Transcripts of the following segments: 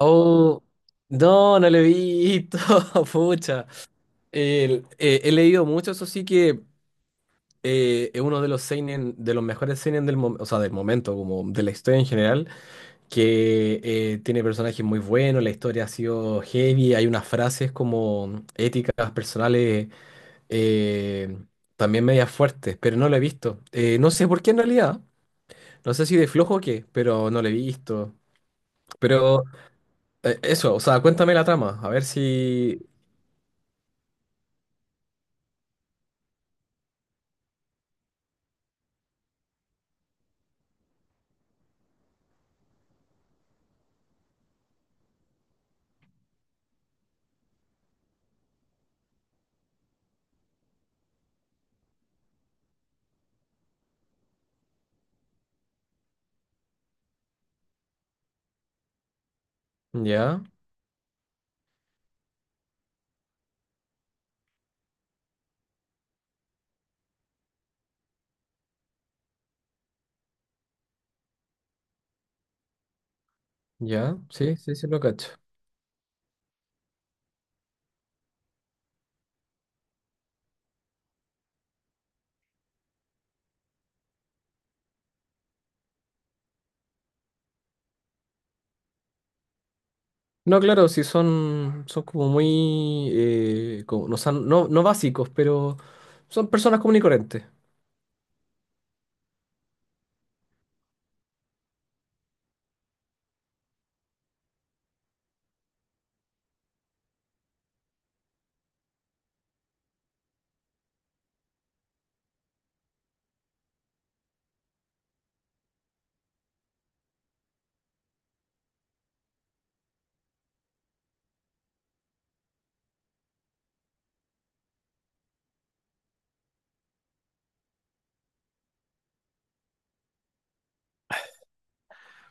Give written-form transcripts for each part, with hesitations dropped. Oh, no, no lo he visto, pucha. He leído mucho, eso sí que es uno de los seinen, de los mejores seinen del momento, o sea, del momento, como de la historia en general, que tiene personajes muy buenos, la historia ha sido heavy, hay unas frases como éticas personales, eh, también medias fuertes, pero no lo he visto. No sé por qué en realidad, no sé si de flojo o qué, pero no lo he visto. Pero. Eso, o sea, cuéntame la trama, a ver si. Ya, ya, sí, sí, sí lo cacho. No, claro, sí son, como muy, no, no, no básicos, pero son personas comunes y corrientes.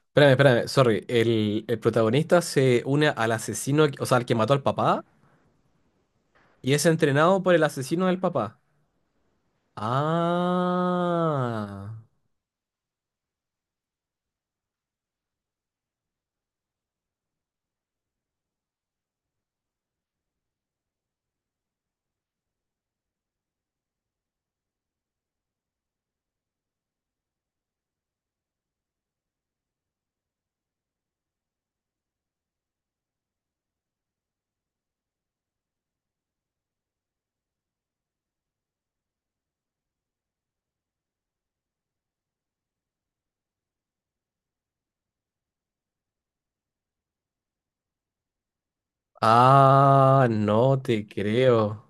Espérame, espérame, sorry, el protagonista se une al asesino, o sea, al que mató al papá, y es entrenado por el asesino del papá. Ah, ah, no te creo.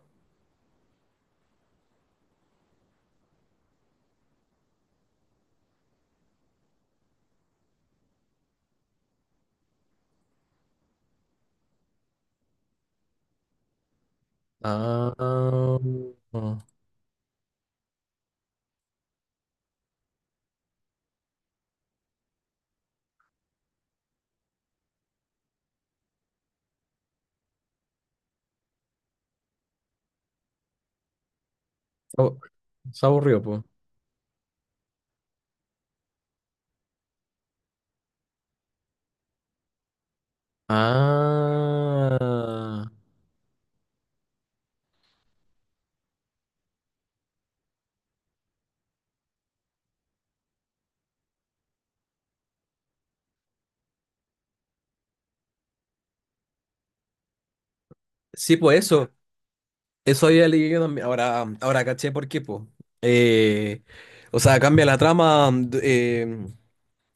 Ah, oh, se aburrió, pues. Ah. Sí, pues eso había leído también. Ahora, ahora caché por qué, pues. Eh, o sea, cambia la trama.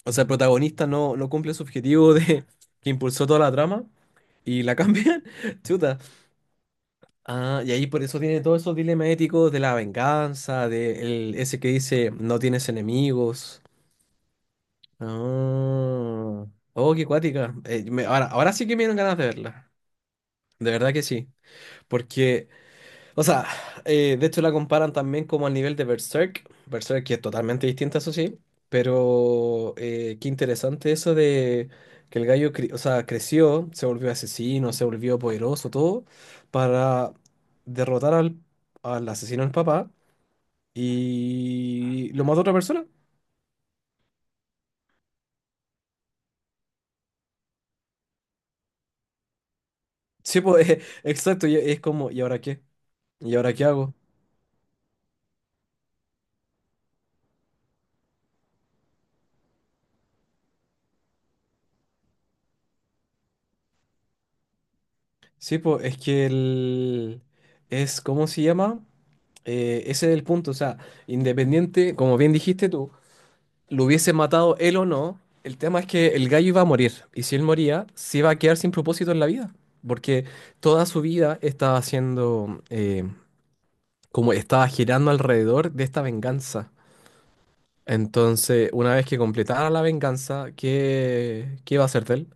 O sea, el protagonista no cumple su objetivo de que impulsó toda la trama y la cambian. Chuta. Ah, y ahí por eso tiene todos esos dilemas éticos de la venganza, de ese que dice no tienes enemigos. Ah, oh, qué cuática. Ahora, ahora sí que me dieron ganas de verla. De verdad que sí. Porque, o sea, de hecho la comparan también como al nivel de Berserk. Berserk que es totalmente distinta, eso sí. Pero qué interesante eso de que el gallo, o sea, creció, se volvió asesino, se volvió poderoso, todo, para derrotar al asesino del papá y lo mató otra persona. Sí, pues, exacto, y es como, ¿y ahora qué? ¿Y ahora qué hago? Sí, pues, es que el. Es, ¿cómo se llama? Ese es el punto, o sea, independiente, como bien dijiste tú, lo hubiese matado él o no, el tema es que el gallo iba a morir, y si él moría, se iba a quedar sin propósito en la vida, porque toda su vida estaba haciendo, como estaba girando alrededor de esta venganza. Entonces, una vez que completara la venganza, ¿qué iba a hacer de él?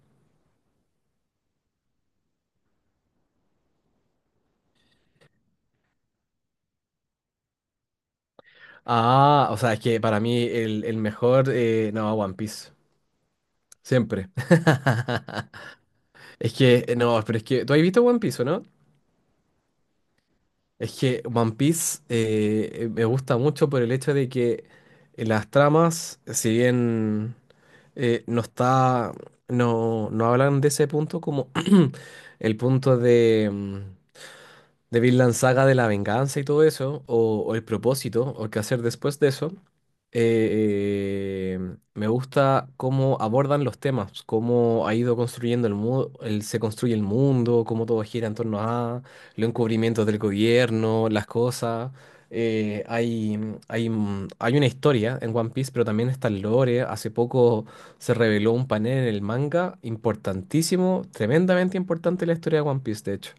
Ah, o sea, es que para mí el mejor, no, One Piece, siempre. Es que, no, pero es que, ¿tú has visto One Piece, o no? Es que One Piece me gusta mucho por el hecho de que las tramas, si bien no está, no hablan de ese punto como el punto de Vinland Saga de la venganza y todo eso, o el propósito, o qué hacer después de eso, eh, eh, me gusta cómo abordan los temas, cómo ha ido construyendo el mundo, se construye el mundo, cómo todo gira en torno a los encubrimientos del gobierno, las cosas. Eh, hay, hay, hay una historia en One Piece, pero también está el lore. Hace poco se reveló un panel en el manga importantísimo, tremendamente importante en la historia de One Piece, de hecho.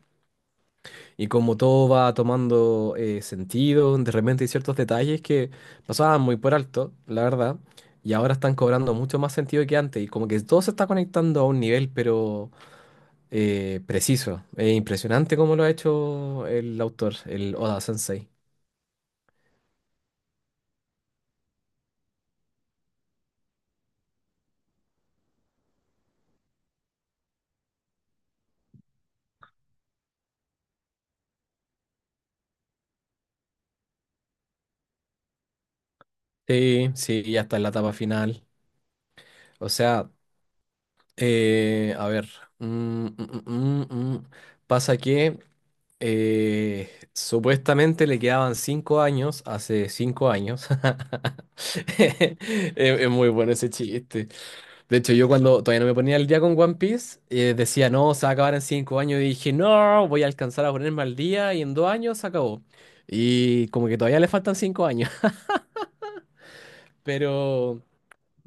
Y como todo va tomando sentido, de repente hay ciertos detalles que pasaban muy por alto, la verdad, y ahora están cobrando mucho más sentido que antes, y como que todo se está conectando a un nivel, pero preciso. Es impresionante cómo lo ha hecho el autor, el Oda Sensei. Sí, sí, ya está en la etapa final. O sea, a ver. mm, mm, mm, mm, mm. Pasa que supuestamente le quedaban 5 años, hace 5 años. Es, es muy bueno ese chiste. De hecho, yo cuando todavía no me ponía al día con One Piece, decía, no, se va a acabar en 5 años. Y dije, no, voy a alcanzar a ponerme al día y en 2 años se acabó. Y como que todavía le faltan 5 años. Pero,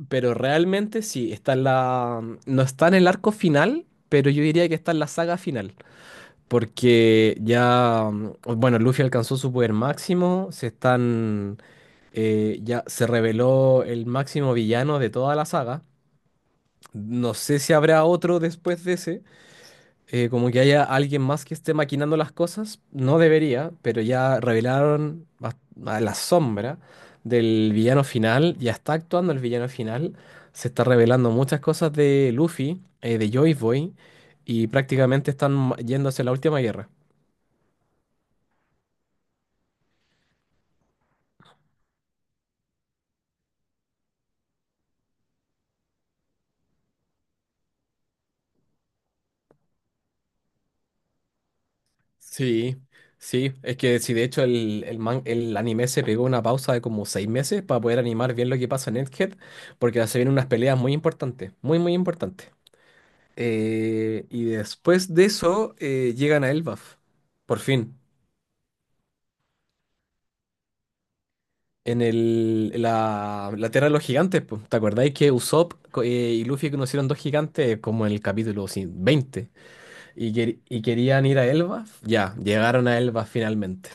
pero realmente sí, está en la, no está en el arco final, pero yo diría que está en la saga final. Porque ya, bueno, Luffy alcanzó su poder máximo, ya se reveló el máximo villano de toda la saga. No sé si habrá otro después de ese, como que haya alguien más que esté maquinando las cosas, no debería, pero ya revelaron a la sombra del villano final, ya está actuando el villano final, se está revelando muchas cosas de Luffy, de Joy Boy, y prácticamente están yendo hacia la última guerra. Sí, sí, es que sí, de hecho el anime se pegó una pausa de como 6 meses para poder animar bien lo que pasa en Egghead, porque se vienen unas peleas muy importantes, muy, muy importantes. Y después de eso llegan a Elbaf, por fin, en la, la Tierra de los Gigantes. Po. ¿Te acordáis que Usopp y Luffy conocieron dos gigantes como en el capítulo sí, 20 y querían ir a Elbaf? Ya, llegaron a Elbaf finalmente.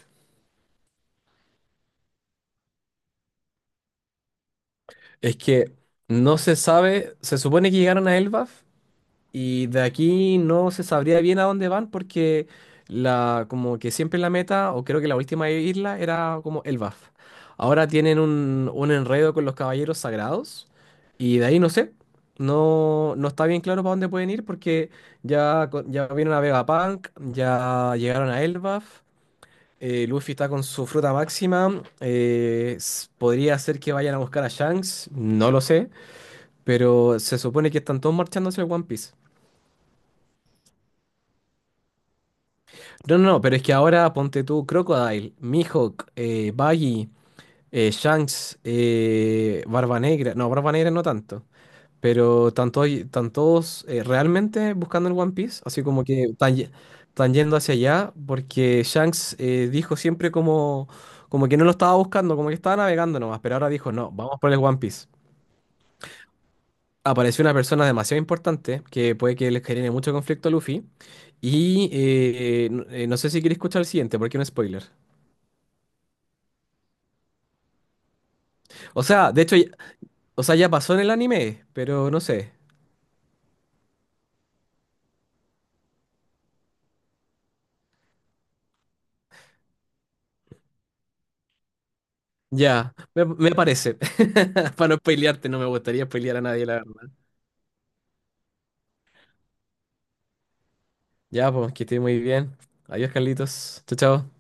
Es que no se sabe, se supone que llegaron a Elbaf y de aquí no se sabría bien a dónde van porque como que siempre la meta, o creo que la última isla era como Elbaf. Ahora tienen un enredo con los caballeros sagrados y de ahí no sé, no está bien claro para dónde pueden ir porque ya, ya vieron a Vegapunk, ya llegaron a Elbaf. Eh, Luffy está con su fruta máxima. Podría ser que vayan a buscar a Shanks, no lo sé. Pero se supone que están todos marchando hacia el One Piece. No, no, no, pero es que ahora ponte tú Crocodile, Mihawk, Buggy, Shanks, Barba Negra. No, Barba Negra no tanto. Pero realmente buscando el One Piece. Así como que están yendo hacia allá porque Shanks dijo siempre como que no lo estaba buscando, como que estaba navegando nomás. Pero ahora dijo, no, vamos por el One Piece. Apareció una persona demasiado importante que puede que les genere mucho conflicto a Luffy. Y no, no sé si queréis escuchar el siguiente, porque es un spoiler. O sea, de hecho, o sea, ya pasó en el anime, pero no sé. Ya, me parece. Para no spoilearte, no me gustaría spoilear a nadie, la verdad. Ya, pues, que esté muy bien. Adiós, Carlitos. Chao, chao.